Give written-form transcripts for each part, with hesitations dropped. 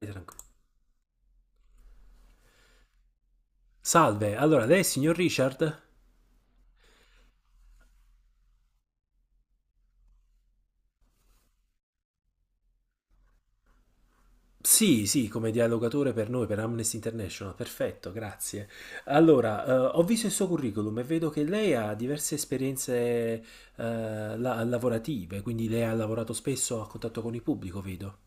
Tranquillo. Salve, allora lei è il signor Richard? Sì, sì, come dialogatore per noi, per Amnesty International, perfetto, grazie. Allora, ho visto il suo curriculum e vedo che lei ha diverse esperienze, lavorative, quindi lei ha lavorato spesso a contatto con il pubblico, vedo.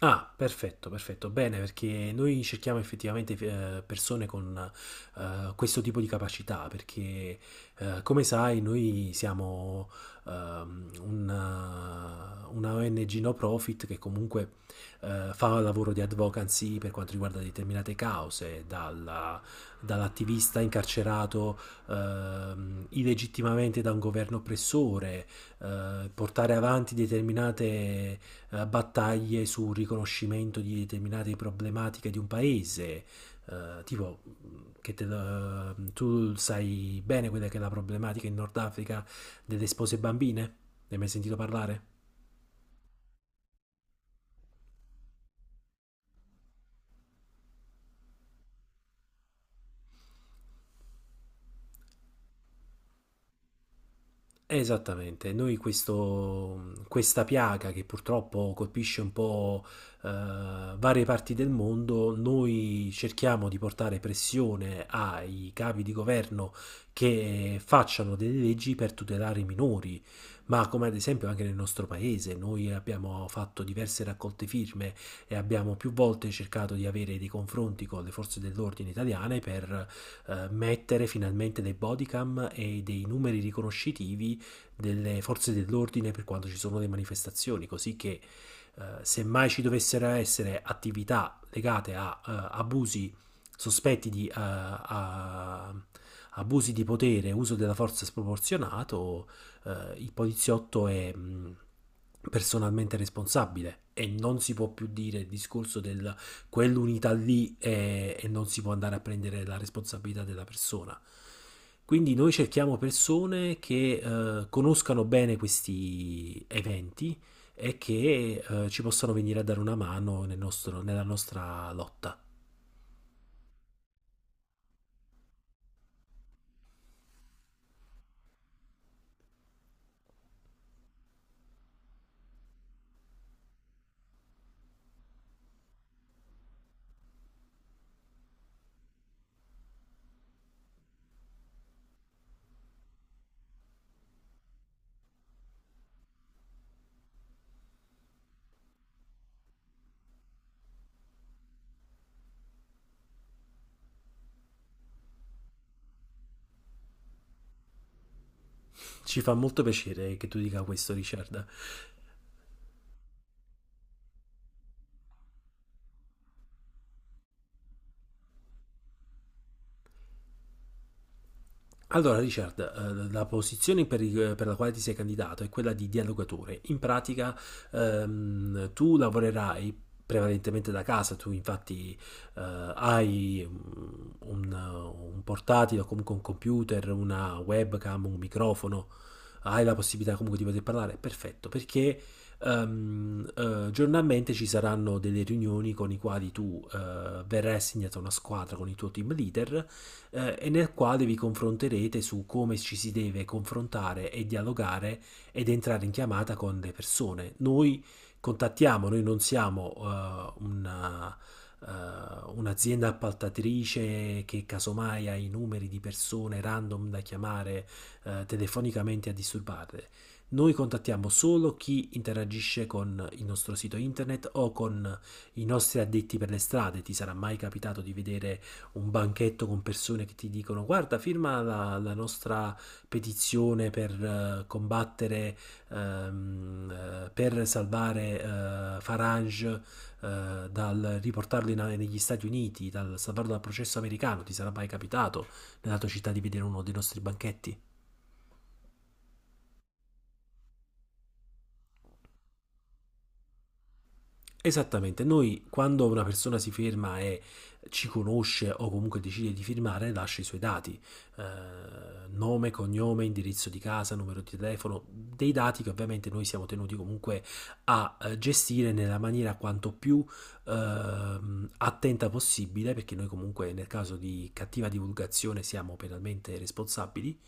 Ah, perfetto, perfetto. Bene, perché noi cerchiamo effettivamente persone con questo tipo di capacità, perché come sai, noi siamo una ONG no profit che comunque fa lavoro di advocacy per quanto riguarda determinate cause, dall'attivista incarcerato illegittimamente da un governo oppressore, portare avanti determinate battaglie sul riconoscimento di determinate problematiche di un paese, eh, tipo che tu sai bene quella che è la problematica in Nord Africa delle spose bambine? Ne hai mai sentito parlare? Esattamente, noi questo, questa piaga che purtroppo colpisce un po' eh, varie parti del mondo, noi cerchiamo di portare pressione ai capi di governo che facciano delle leggi per tutelare i minori, ma come ad esempio anche nel nostro paese, noi abbiamo fatto diverse raccolte firme e abbiamo più volte cercato di avere dei confronti con le forze dell'ordine italiane per mettere finalmente dei bodycam e dei numeri riconoscitivi delle forze dell'ordine per quando ci sono le manifestazioni, così che semmai ci dovessero essere attività legate a abusi sospetti abusi di potere, uso della forza sproporzionato, il poliziotto è personalmente responsabile e non si può più dire il discorso del e non si può andare a prendere la responsabilità della persona. Quindi noi cerchiamo persone che conoscano bene questi eventi e che ci possano venire a dare una mano nella nostra lotta. Ci fa molto piacere che tu dica questo, Richard. Allora, Richard, la posizione per la quale ti sei candidato è quella di dialogatore. In pratica, tu lavorerai prevalentemente da casa, tu infatti eh, hai un- un portatile o comunque un computer, una webcam, un microfono, hai la possibilità comunque di poter parlare, perfetto, perché giornalmente ci saranno delle riunioni con i quali tu verrai assegnato a una squadra con il tuo team leader, e nel quale vi confronterete su come ci si deve confrontare e dialogare ed entrare in chiamata con le persone. Noi contattiamo, noi non siamo un'azienda appaltatrice che casomai ha i numeri di persone random da chiamare telefonicamente a disturbarle. Noi contattiamo solo chi interagisce con il nostro sito internet o con i nostri addetti per le strade. Ti sarà mai capitato di vedere un banchetto con persone che ti dicono guarda, firma la nostra petizione per combattere, per salvare Farage, negli Stati Uniti, dal salvarlo dal processo americano. Ti sarà mai capitato nella tua città di vedere uno dei nostri banchetti? Esattamente, noi quando una persona si ferma e ci conosce o comunque decide di firmare, lascia i suoi dati, eh, nome, cognome, indirizzo di casa, numero di telefono, dei dati che ovviamente noi siamo tenuti comunque a gestire nella maniera quanto più eh, attenta possibile, perché noi comunque nel caso di cattiva divulgazione siamo penalmente responsabili.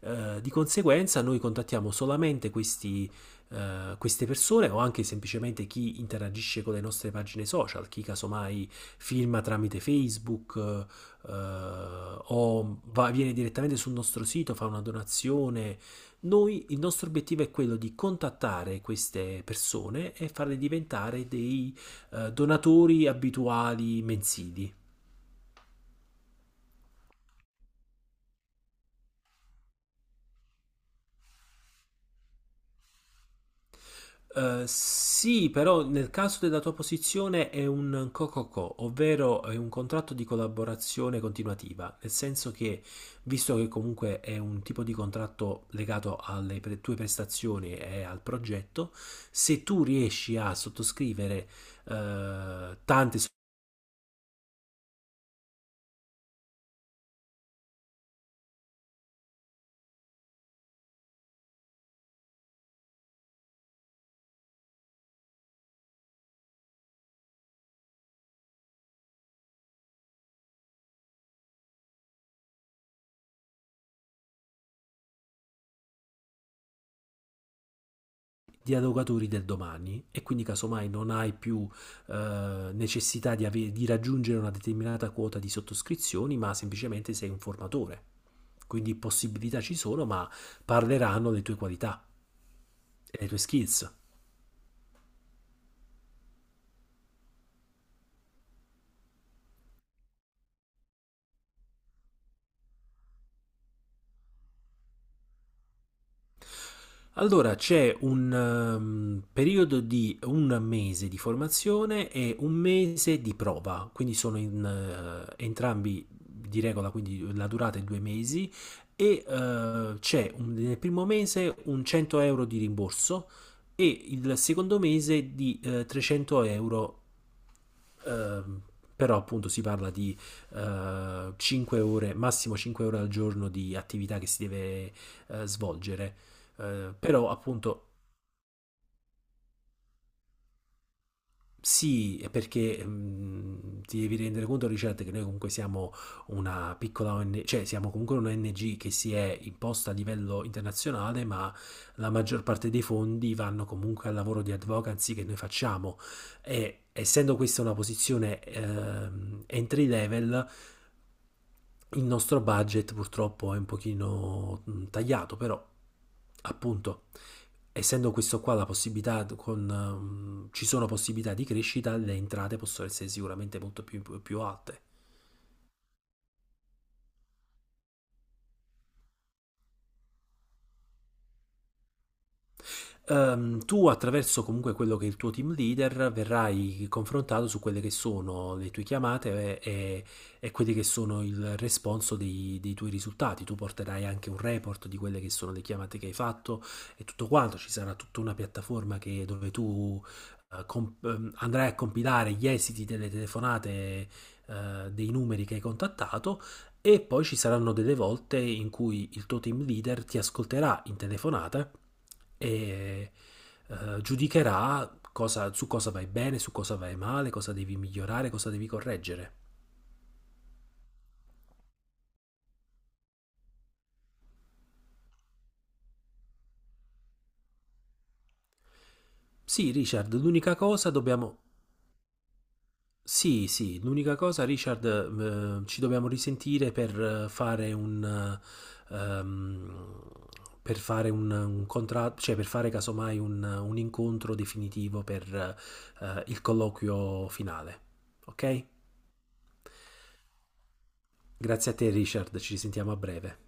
Di conseguenza noi contattiamo solamente questi, queste persone o anche semplicemente chi interagisce con le nostre pagine social, chi casomai filma tramite Facebook, viene direttamente sul nostro sito, fa una donazione. Noi, il nostro obiettivo è quello di contattare queste persone e farle diventare dei donatori abituali mensili. Sì, però nel caso della tua posizione è un co-co-co, ovvero è un contratto di collaborazione continuativa, nel senso che, visto che comunque è un tipo di contratto legato alle tue prestazioni e al progetto, se tu riesci a sottoscrivere eh, tanti so- dialogatori del domani e quindi casomai non hai più necessità di di raggiungere una determinata quota di sottoscrizioni, ma semplicemente sei un formatore. Quindi possibilità ci sono, ma parleranno delle tue qualità e delle tue skills. Allora c'è un periodo di 1 mese di formazione e 1 mese di prova, quindi sono entrambi di regola, quindi la durata è 2 mesi e nel primo mese un 100 euro di rimborso e il secondo mese di 300 euro. Ehm, però appunto si parla di 5 ore, massimo 5 ore al giorno di attività che si deve svolgere. Però appunto sì, è perché ti devi rendere conto, Richard, che noi comunque siamo una piccola ONG, cioè siamo comunque un'ONG che si è imposta a livello internazionale, ma la maggior parte dei fondi vanno comunque al lavoro di advocacy che noi facciamo. E essendo questa una posizione entry level, il nostro budget purtroppo è un pochino tagliato, però appunto essendo questo qua la possibilità ci sono possibilità di crescita, le entrate possono essere sicuramente molto più alte. Tu attraverso comunque quello che è il tuo team leader verrai confrontato su quelle che sono le tue chiamate e quelli che sono il responso dei tuoi risultati. Tu porterai anche un report di quelle che sono le chiamate che hai fatto e tutto quanto. Ci sarà tutta una piattaforma dove tu andrai a compilare gli esiti delle telefonate, dei numeri che hai contattato e poi ci saranno delle volte in cui il tuo team leader ti ascolterà in telefonata e giudicherà su cosa vai bene, su cosa vai male, cosa devi migliorare, cosa devi correggere. Sì, Richard, l'unica cosa dobbiamo... Sì, sì, l'unica cosa, Richard, ci dobbiamo risentire per eh, fare un, eh, ehm, per fare un contratto, cioè per fare casomai un incontro definitivo per il colloquio finale. Ok? Grazie a te, Richard, ci risentiamo a breve.